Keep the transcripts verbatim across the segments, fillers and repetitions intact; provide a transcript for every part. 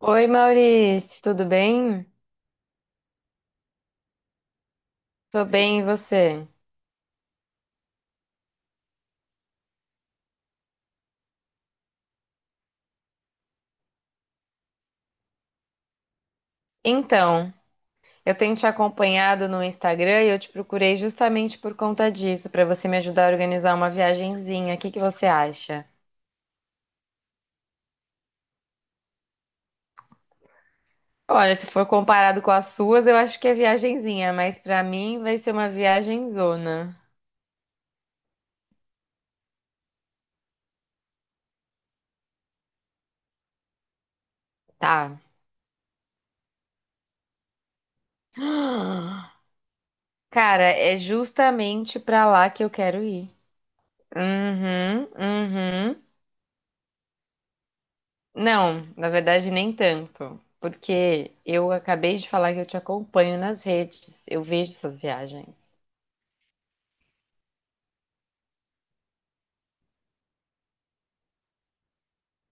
Oi, Maurício, tudo bem? Tô bem, e você? Então, eu tenho te acompanhado no Instagram e eu te procurei justamente por conta disso, pra você me ajudar a organizar uma viagenzinha. O que que você acha? Olha, se for comparado com as suas, eu acho que é viagenzinha, mas pra mim vai ser uma viagem zona. Tá. Cara, é justamente pra lá que eu quero ir. Uhum, uhum. Não, na verdade nem tanto, porque eu acabei de falar que eu te acompanho nas redes, eu vejo suas viagens.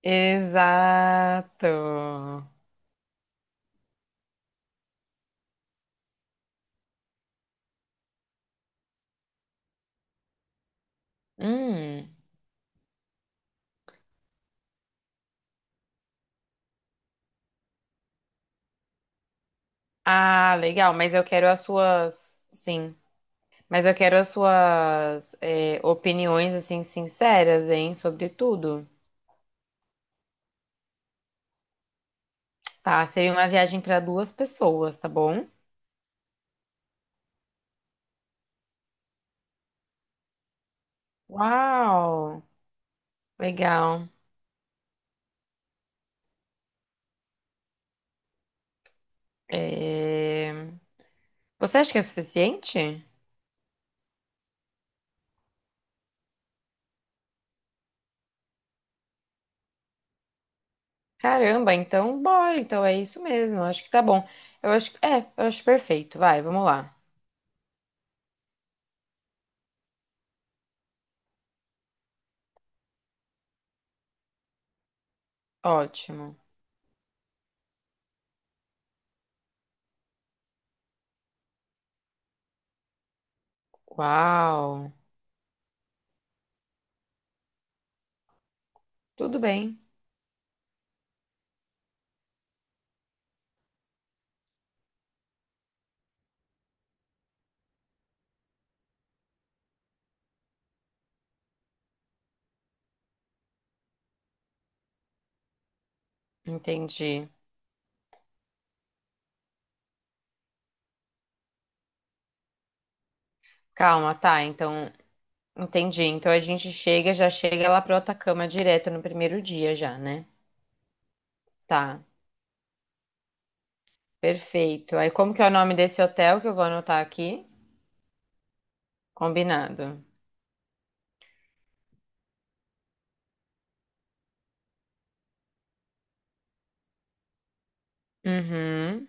Exato. Hum. Ah, legal, mas eu quero as suas, sim, mas eu quero as suas é, opiniões assim sinceras, hein, sobre tudo. Tá, seria uma viagem para duas pessoas, tá bom? Uau, legal. É, você acha que é suficiente? Caramba, então bora, então é isso mesmo, acho que tá bom. Eu acho que é, eu acho perfeito. Vai, vamos lá. Ótimo. Uau. Tudo bem. Entendi. Calma, tá, então entendi. Então a gente chega, já chega lá pro Atacama direto no primeiro dia já, né? Tá. Perfeito. Aí como que é o nome desse hotel que eu vou anotar aqui? Combinado. Uhum.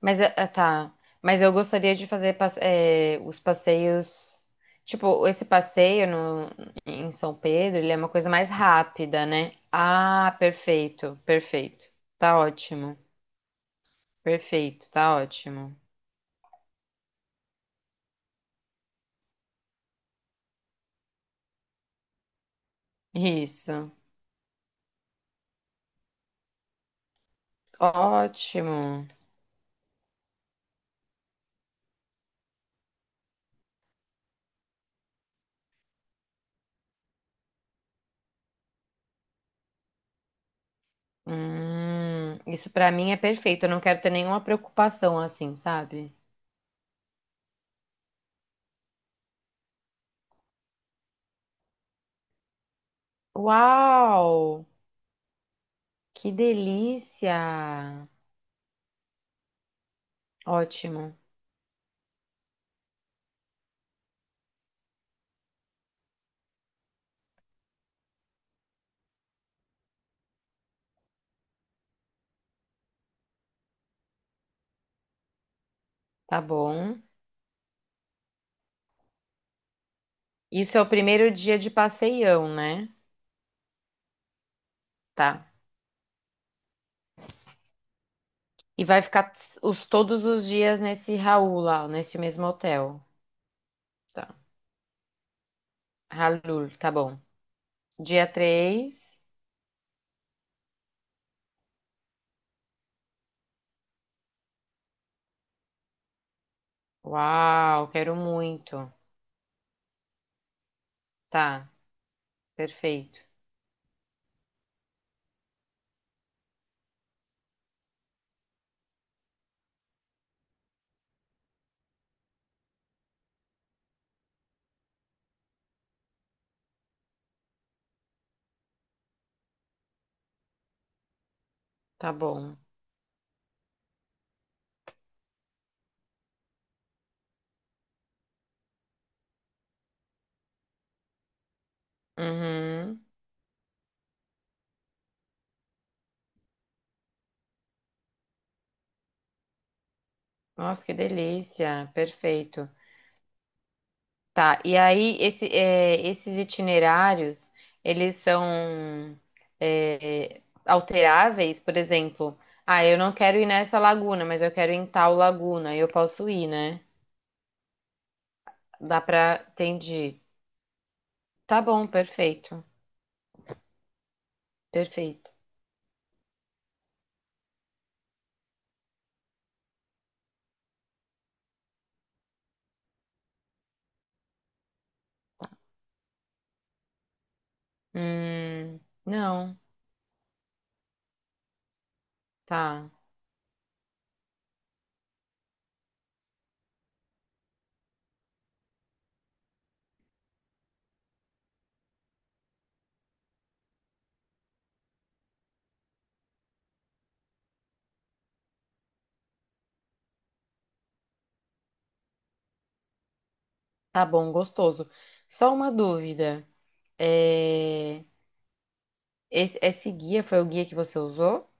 Mas, ah, tá. Mas eu gostaria de fazer passe- eh, os passeios. Tipo, esse passeio no, em São Pedro, ele é uma coisa mais rápida, né? Ah, perfeito, perfeito. Tá ótimo. Perfeito, tá ótimo. Isso. Ótimo. Hum, isso pra mim é perfeito. Eu não quero ter nenhuma preocupação assim, sabe? Uau! Que delícia! Ótimo. Tá bom. Isso é o primeiro dia de passeião, né? Tá. E vai ficar ts- os, todos os dias nesse Raul lá, nesse mesmo hotel. Tá. Halul, tá bom. Dia três, uau, quero muito. Tá, perfeito. Tá bom. Uhum. Nossa, que delícia. Perfeito. Tá, e aí esse, é, esses itinerários, eles são é, alteráveis, por exemplo, ah, eu não quero ir nessa laguna, mas eu quero ir em tal laguna, eu posso ir, né? Dá pra, entendi. Tá bom, perfeito, perfeito. Hum, não, tá, tá bom, gostoso. Só uma dúvida, é, esse, esse guia foi o guia que você usou?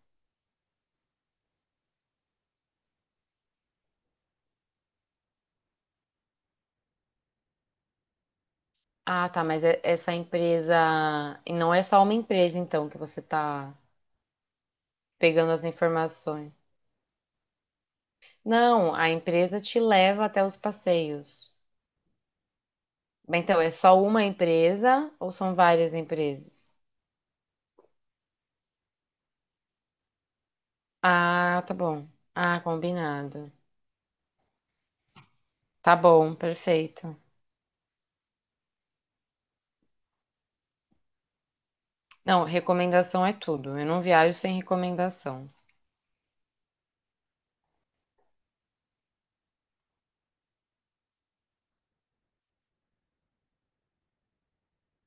Ah, tá, mas é- essa empresa. E não é só uma empresa, então, que você tá pegando as informações. Não, a empresa te leva até os passeios. Bem, então, é só uma empresa ou são várias empresas? Ah, tá bom. Ah, combinado. Tá bom, perfeito. Não, recomendação é tudo. Eu não viajo sem recomendação.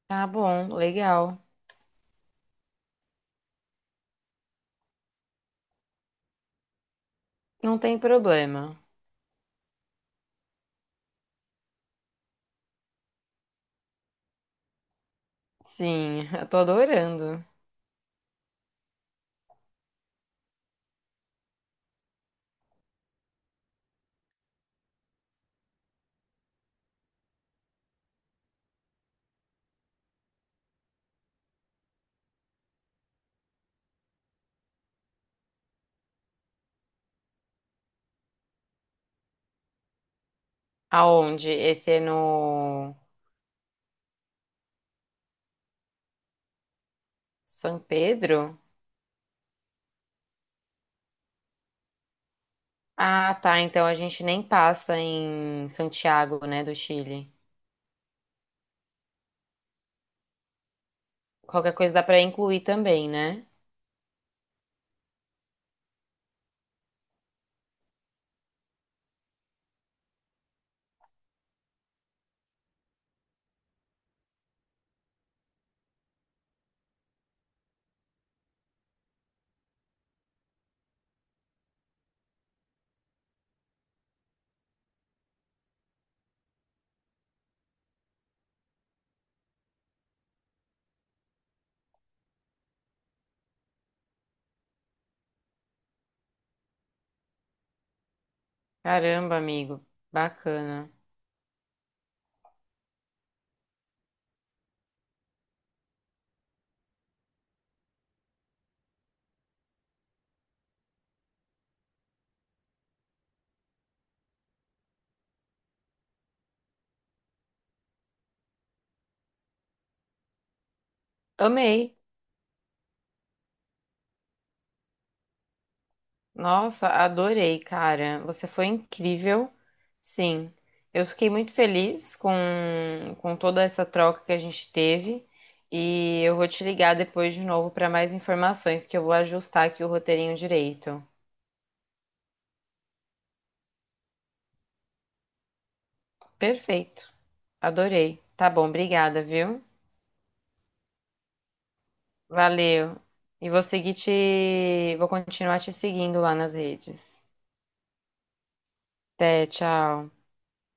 Tá bom, legal. Não tem problema. Sim, eu tô adorando. Aonde? Esse é no São Pedro? Ah, tá. Então a gente nem passa em Santiago, né, do Chile. Qualquer coisa dá pra incluir também, né? Caramba, amigo. Bacana. Amei. Nossa, adorei, cara. Você foi incrível. Sim. Eu fiquei muito feliz com, com toda essa troca que a gente teve. E eu vou te ligar depois de novo para mais informações, que eu vou ajustar aqui o roteirinho direito. Perfeito. Adorei. Tá bom, obrigada, viu? Valeu. E vou seguir te. Vou continuar te seguindo lá nas redes. Até, tchau.